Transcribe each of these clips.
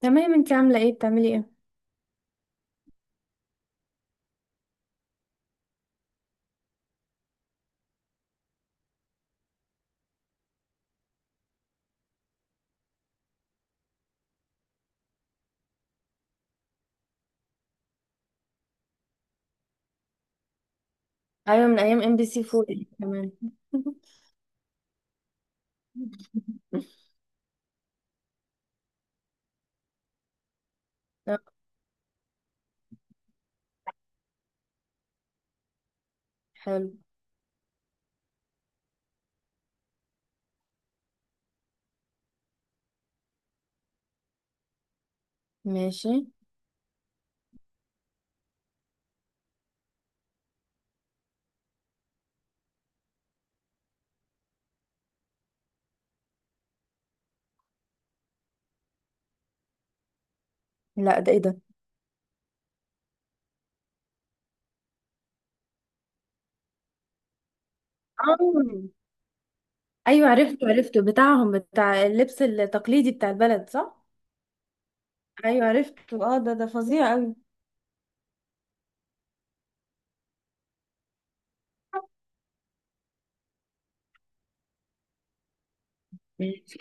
تمام، انت عامله ايه؟ بتعملي ايه؟ ايوه، من ايام ام بي سي 4 كمان. طب حلو. ماشي. لا، ده ايه ده؟ آه. ايوه عرفته، عرفته بتاعهم، بتاع اللبس التقليدي بتاع البلد، صح. ايوه عرفته، اه ده ده فظيع قوي. ماشي.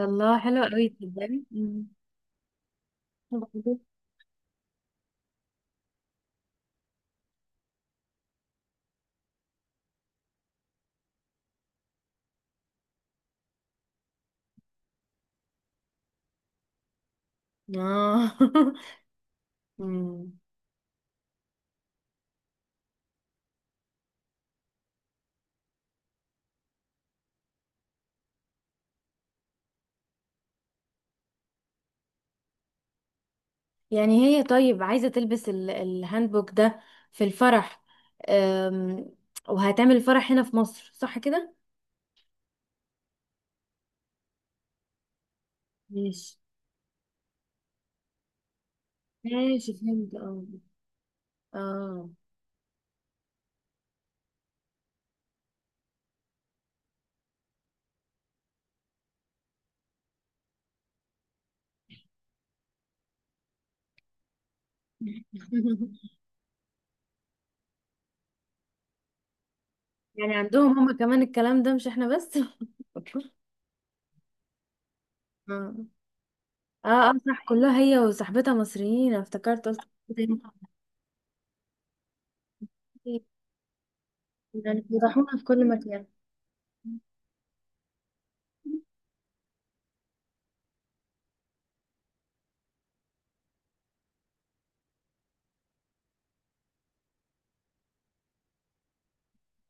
الله حلو قوي، تصدقي. وبعدين؟ اه. مم. يعني هي طيب عايزة تلبس الهاندبوك ده في الفرح، أم، وهتعمل الفرح هنا في مصر صح كده؟ ماشي. ماشي فهمت اه. اه. يعني عندهم هما كمان الكلام ده، مش احنا بس. اه. اه. اه صح، كلها هي وصاحبتها مصريين، أنا افتكرت قلت إيه ده؟ يعني بيضحونا في كل مكان.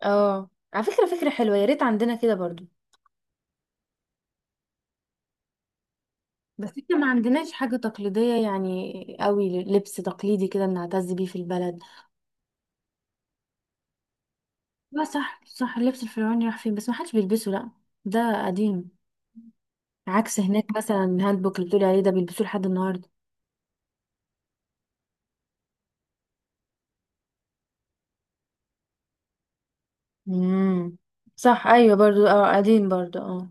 اه، على فكرة فكرة حلوة، يا ريت عندنا كده برضو. بس احنا ما عندناش حاجة تقليدية يعني قوي، لبس تقليدي كده بنعتز بيه في البلد. لا صح صح، اللبس الفرعوني راح فين؟ بس ما حدش بيلبسه، لا ده قديم. عكس هناك مثلا الهاند بوك اللي بتقولي عليه ده بيلبسوه لحد النهارده. امم. صح ايوه برضو، اه قديم برضو اه.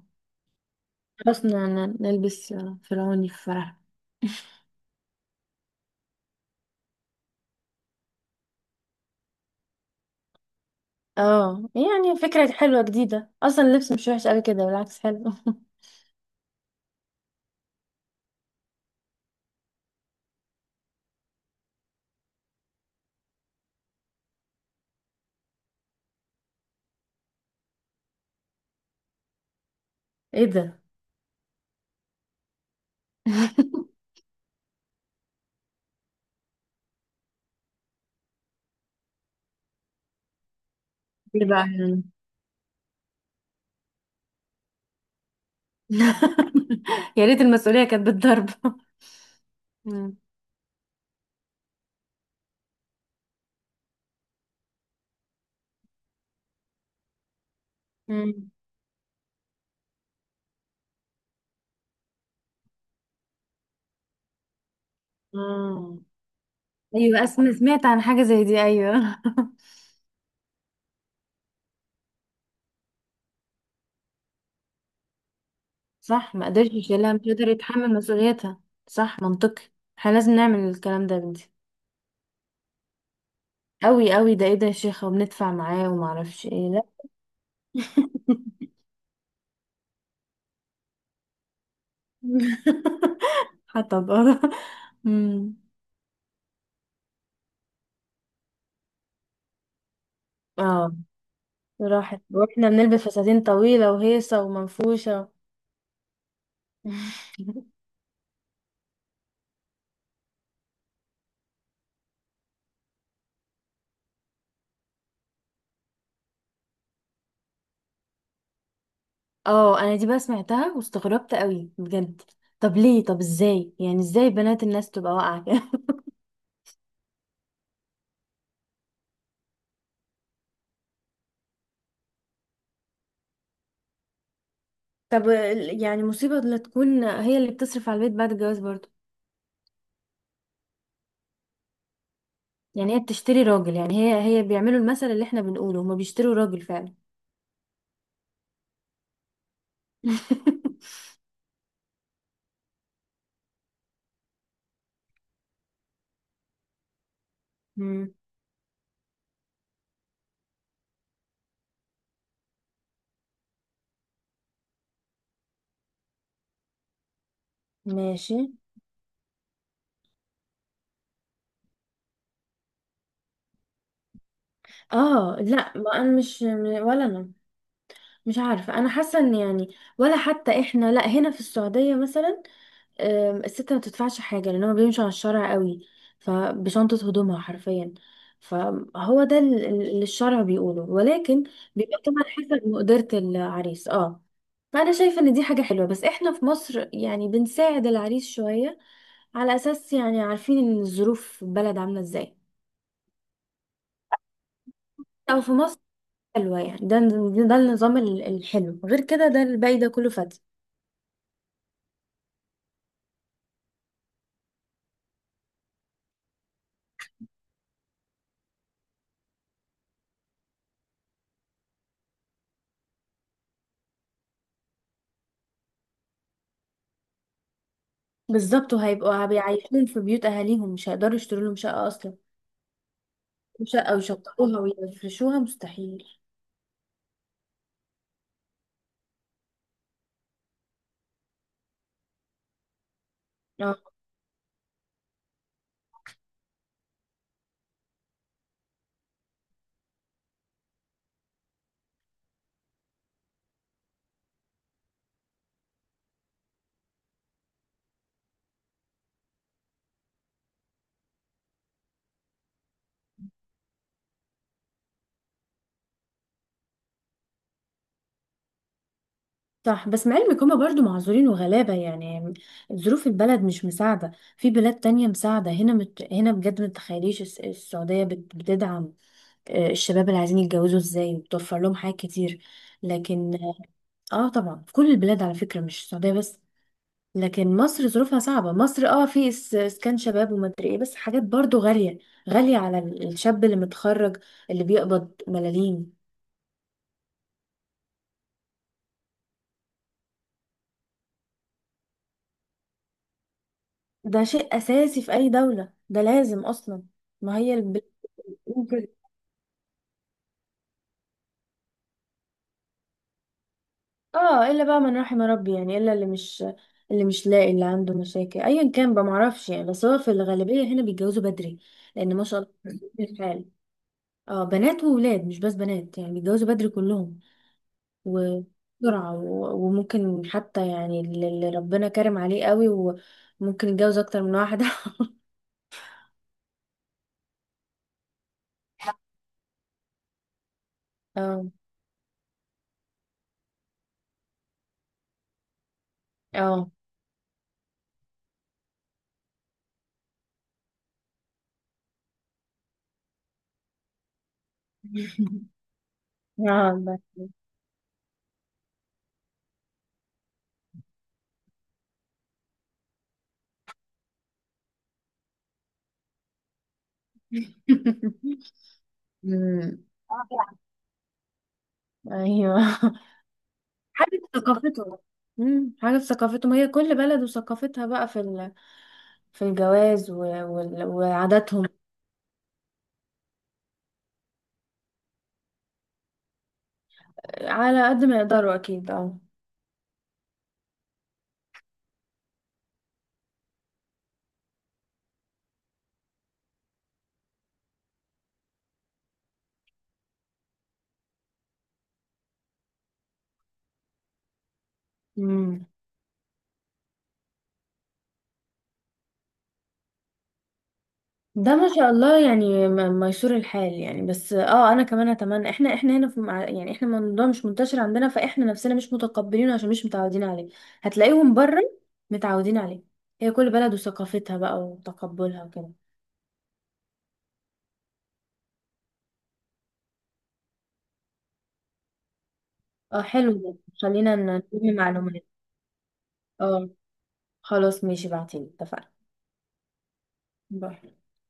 خلاص نلبس فرعوني في فرح. اه يعني فكرة حلوة جديدة، اصلا اللبس مش وحش قوي كده، بالعكس حلو. ايه ده؟ ليه بقى يعني؟ يا ريت المسؤولية كانت بالضرب. مم. امم. آه. ايوه اسمع، سمعت عن حاجة زي دي ايوه. صح ما قدرش يشيلها، مش قادر يتحمل مسؤوليتها. صح منطقي. احنا لازم نعمل الكلام ده يا بنتي. قوي قوي، ده ايه ده يا شيخة، وبندفع معاه وما اعرفش ايه، لا. حتى بقى أمم. اه راحت، واحنا بنلبس فساتين طويلة وهيصة ومنفوشة. اه انا دي بقى سمعتها واستغربت قوي بجد. طب ليه؟ طب ازاي يعني؟ ازاي بنات الناس تبقى واقعة كده؟ طب يعني مصيبة، لا تكون هي اللي بتصرف على البيت بعد الجواز برضه؟ يعني هي بتشتري راجل، يعني هي بيعملوا المثل اللي احنا بنقوله، هما بيشتروا راجل فعلا. مم. ماشي. اه لا ما انا مش، ولا انا. مش عارفه، انا حاسه ان يعني ولا حتى احنا، لا هنا في السعوديه مثلا الست ما بتدفعش حاجة، لأنهم بيمشوا على الشارع قوي، فبشنطة هدومها حرفيا. فهو ده اللي الشرع بيقوله، ولكن بيبقى طبعا حسب مقدرة العريس اه. فأنا شايفة إن دي حاجة حلوة، بس إحنا في مصر يعني بنساعد العريس شوية، على أساس يعني عارفين إن الظروف في البلد عاملة إزاي. أو في مصر حلوة يعني، ده ده النظام الحلو، غير كده ده الباقي ده كله فاتي. بالظبط، وهيبقوا بيعيشون في بيوت أهاليهم، مش هيقدروا يشتروا لهم شقة أصلا، مش او يشطبوها ويفرشوها، مستحيل. اه صح، بس مع علمك هما برضو معذورين وغلابة يعني، ظروف البلد مش مساعدة. في بلاد تانية مساعدة، هنا هنا بجد ما تتخيليش، السعودية بتدعم الشباب اللي عايزين يتجوزوا ازاي، وبتوفر لهم حاجات كتير. لكن اه طبعا في كل البلاد على فكرة، مش السعودية بس. لكن مصر ظروفها صعبة، مصر اه في اسكان شباب ومدري ايه، بس حاجات برضو غالية، غالية على الشاب اللي متخرج، اللي بيقبض ملاليم. ده شيء اساسي في اي دولة، ده لازم اصلا. ما هي البلاد اه الا بقى من رحم ربي يعني، الا اللي مش، اللي مش لاقي، اللي عنده مشاكل ايا كان بقى معرفش يعني، بس هو في الغالبية هنا بيتجوزوا بدري. لان ما شاء الله الحال، اه بنات وولاد، مش بس بنات يعني، بيتجوزوا بدري كلهم، وبسرعة وممكن حتى يعني اللي ربنا كرم عليه قوي، وممكن يتجوز اكتر من واحدة. اه. اه. اه بس. مم. ايوه. حاجة في ثقافته. حاجة في ثقافته، ما هي كل بلد وثقافتها بقى في ال...، في الجواز و...، وال...، وعاداتهم. على قد ما يقدروا أكيد اه. مم. ده ما شاء الله يعني ميسور الحال يعني، بس اه انا كمان اتمنى، احنا هنا في يعني احنا الموضوع مش منتشر عندنا، فاحنا نفسنا مش متقبلينه عشان مش متعودين عليه. هتلاقيهم بره متعودين عليه. هي كل بلد وثقافتها بقى وتقبلها وكده. اه حلو ده. خلينا نلم معلومات. اه خلاص ماشي، بعتيلي اتفقنا. باي.